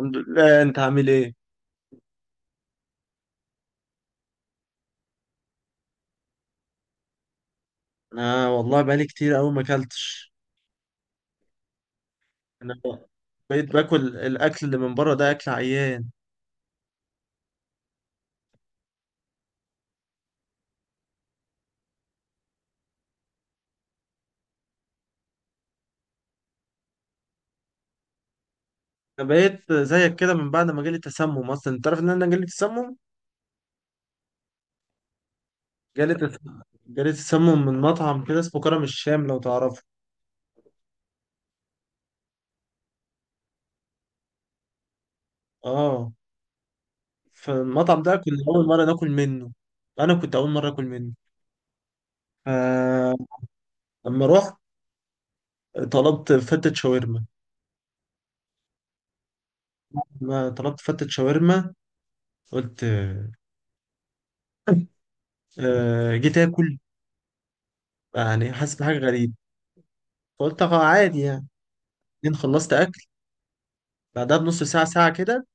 الحمد لله. انت عامل ايه؟ انا والله بقالي كتير قوي ما اكلتش. انا بقيت باكل الاكل اللي من بره ده اكل عيان. انا بقيت زيك كده من بعد ما جالي تسمم. اصلا انت عارف ان انا جالي تسمم؟ جالي تسمم من مطعم كده اسمه كرم الشام، لو تعرفه. اه. فالمطعم ده كنا اول مره ناكل منه. انا كنت اول مره اكل منه. فلما رحت طلبت فتة شاورما. لما طلبت فتة شاورما قلت آه، جيت اكل يعني حاسس بحاجه غريبه، فقلت اه عادي يعني. بعدين خلصت اكل، بعدها بنص ساعه ساعه كده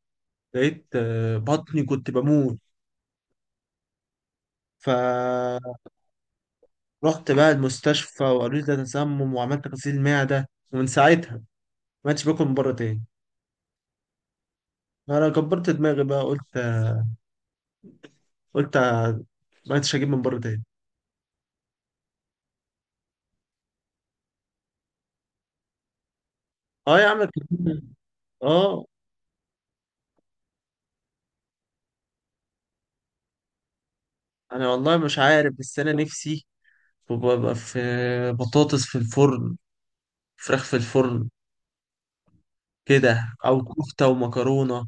لقيت بطني كنت بموت. فرحت بقى المستشفى وقالوا لي ده تسمم، وعملت غسيل معده، ومن ساعتها ما عدتش باكل من بره تاني. انا كبرت دماغي بقى، قلت ما عدتش اجيب من بره تاني. اه يا عم الكلام ده- اه. انا والله مش عارف، بس انا نفسي ببقى في بطاطس في الفرن، فراخ في الفرن كده، او كفته ومكرونه.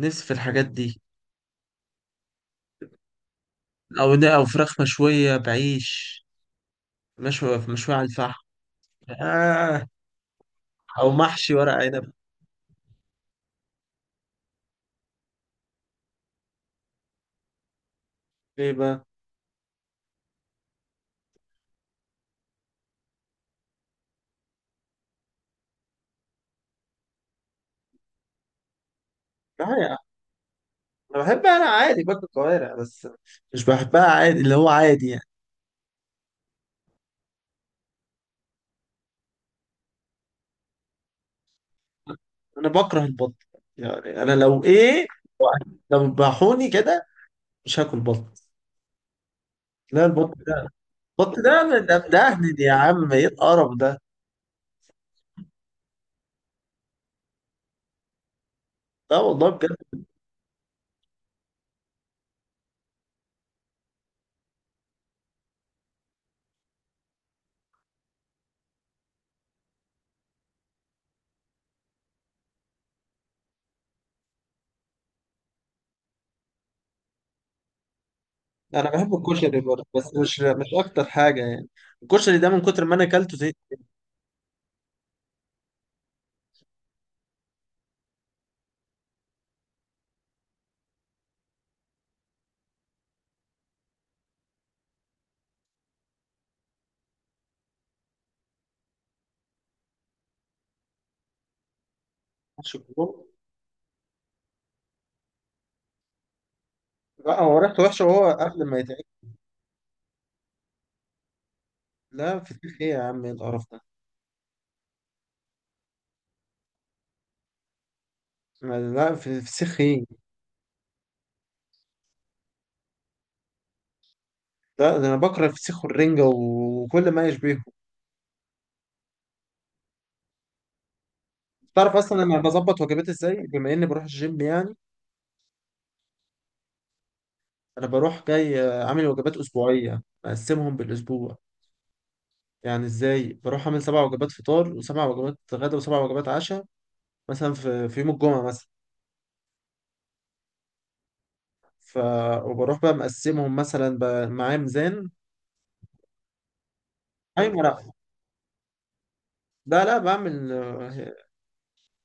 نفسي في الحاجات دي. او فراخ مشويه بعيش، مشويه على الفحم. آه. او محشي ورق عنب. ايه بقى؟ لا يا عم. انا بحبها، انا عادي باكل كوارع، بس مش بحبها عادي، اللي هو عادي يعني. انا بكره البط، يعني انا لو ايه، لو ذبحوني كده مش هاكل بط. لا البط ده، البط ده مدهن يا عم، ايه القرف ده؟ لا والله بجد. انا بحب الكشري برضه، بس مش اكتر حاجه يعني. الكشري ده من كتر ما انا اكلته. زي... لا هو ريحته وحشة وهو قبل ما يتعب. لا فسيخ ايه يا عم؟ ايه القرف ده؟ لا في- فسيخ ايه؟ لا، ده انا بكره الفسيخ والرنجة و- وكل ما يشبهه. تعرف اصلا انا بظبط وجبات ازاي بما اني بروح الجيم يعني؟ انا بروح جاي عامل وجبات اسبوعية مقسمهم بالاسبوع، يعني ازاي. بروح اعمل سبع وجبات فطار وسبع وجبات غدا وسبع وجبات عشاء. مثلا في يوم الجمعة مثلا، ف وبروح بقى مقسمهم مثلا ب- معايا ميزان. ايوه لا، لا بعمل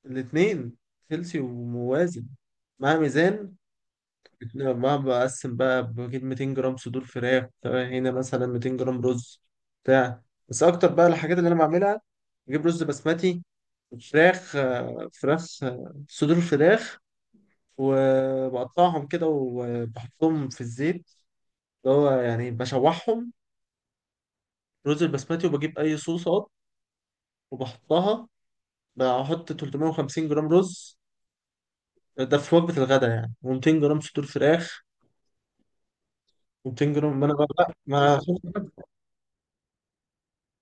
الاثنين، هيلثي وموازن، مع ميزان. بتنا- مع بقسم بقى، بجيب 200 جرام صدور فراخ، تمام، هنا مثلا 200 جرام رز بتاع. بس اكتر بقى الحاجات اللي انا بعملها، بجيب رز بسمتي، فراخ فراخ صدور فراخ، وبقطعهم كده وبحطهم في الزيت، اللي هو يعني بشوحهم، رز البسمتي، وبجيب اي صوصات وبحطها. بحط 350 جرام رز ده في وجبة الغداء يعني، و200 جرام صدور فراخ. 200 جرام. ما انا بقى بقى- ما.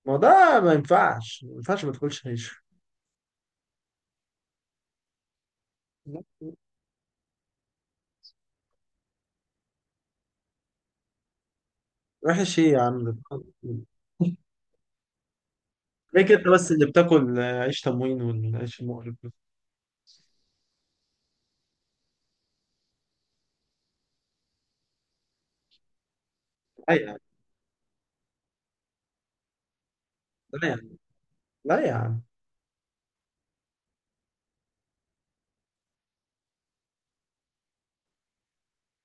ده ما ينفعش ما تاكلش عيش. وحش ايه يا عم؟ ليه كده بس؟ اللي بتاكل عيش تموين والعيش المقرف ده؟ لا يا عم. لا يا عم. لا يا عم.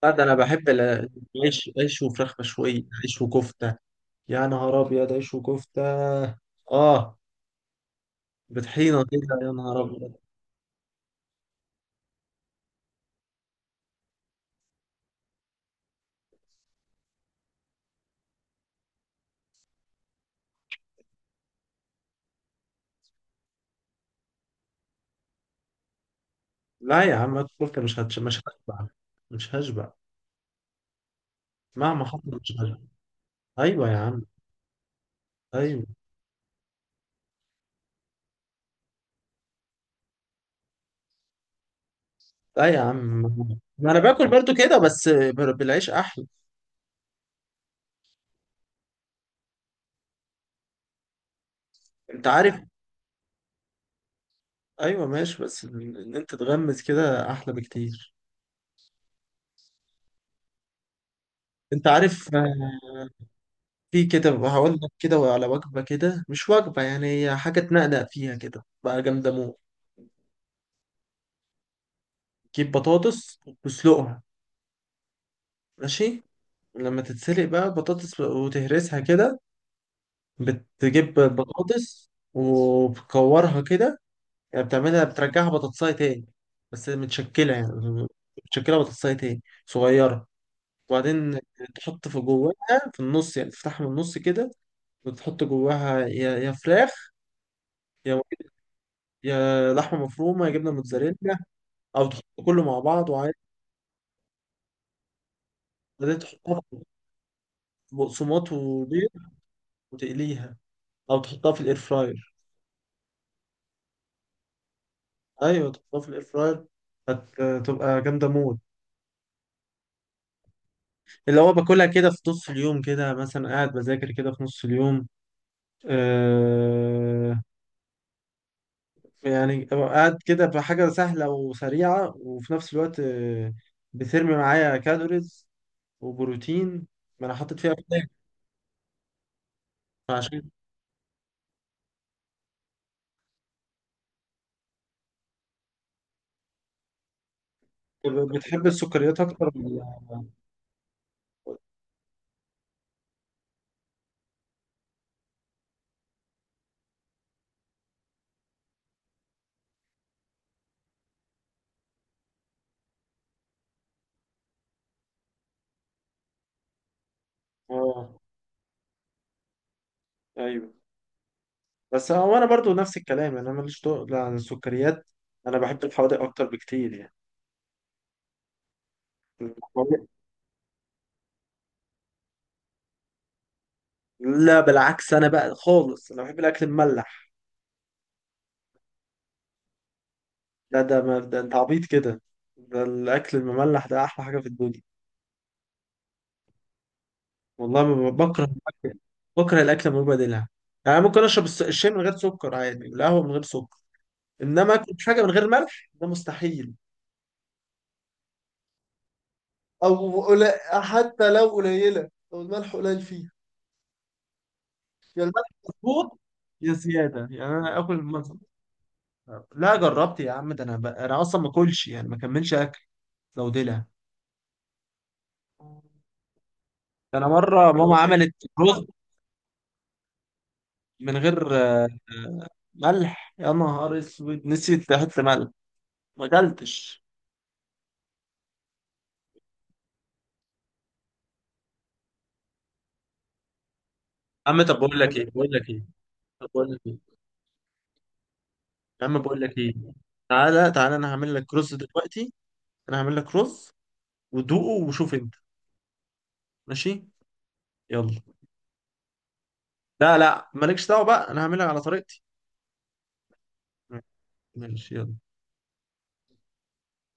لا ده انا بحب ال-. العيش عيش وفراخ مشوية، عيش وكفتة. يا نهار ابيض، عيش وكفتة. اه. بطحينة كده. يا نهار ابيض. لا يا عم، الكفتة مش هتش... مش هشبع. مش هشبع. مهما حط مش هشبع. ايوه يا عم. ايوه. لا يا عم، ما انا باكل برضو كده بس بر- بالعيش احلى. انت عارف. ايوه ماشي، بس ال- ان انت تغمس كده احلى بكتير. انت عارف في كده هقول لك كده على وجبه كده، مش وجبه يعني، هي حاجه تنقنق فيها كده بقى جامده موت. تجيب بطاطس وتسلقها. ماشي. لما تتسلق بقى بطاطس وتهرسها كده، بتجيب البطاطس وبتكورها كده، يعني بتعملها، بترجعها بطاطساية تاني، بس متشكلة يعني، متشكلة بطاطساية تاني صغيرة، وبعدين تحط في جواها، في النص يعني، تفتحها من النص كده وتحط جواها يا فراخ، يا يا لحمة مفرومة، يا جبنة موتزاريلا، أو تحط كله مع بعض وعادي. بعدين تحطها في بقسماط وبيض وتقليها، أو تحطها في الإير فراير. أيوة، تحطها في الإير فراير، هتبقى جامدة موت. اللي هو باكلها كده في نص اليوم كده، مثلا قاعد بذاكر كده في نص اليوم آه، يعني أبقى قاعد كده بحاجة سهلة وسريعة، وفي نفس الوقت بترمي معايا كالوريز وبروتين، ما أنا حاطط فيها فراخ. عشان بتحب السكريات أكتر ولا؟ آه. أيوه. بس هو أنا برضو نفس الكلام يعني، أنا ماليش تقل عن السكريات، أنا بحب الحوادق أكتر بكتير يعني. الحوادق-. لا بالعكس، أنا بقى خالص أنا بحب الأكل المملح. لا ده ما ده، أنت عبيط كده، ده الأكل المملح ده أحلى حاجة في الدنيا. والله ما- بكره الأكل. بكره الاكل من غير بديلها، يعني ممكن اشرب الس- الشاي من غير سكر عادي، والقهوه من غير سكر، انما اكل حاجه من غير ملح ده مستحيل. او قليل، حتى لو قليله، لو الملح قليل فيها. يا الملح مظبوط، يا زياده، يعني انا اكل مثلا. لا جربت يا عم، ده انا ب... انا اصلا ما اكلش يعني، ما كملش اكل لو دلع. ده انا مره ماما عملت رز من غير ملح، يا نهار اسود نسيت احط ملح، ما اكلتش. يا عم طب بقول لك ايه، بقول لك ايه. طب بقول لك ايه. يا عم بقول لك ايه. تعالى انا هعمل لك رز دلوقتي. انا هعمل لك رز ودوقه وشوف انت. ماشي. يلا. لا لا، مالكش دعوه بقى، انا هعملها على طريقتي. ماشي يلا.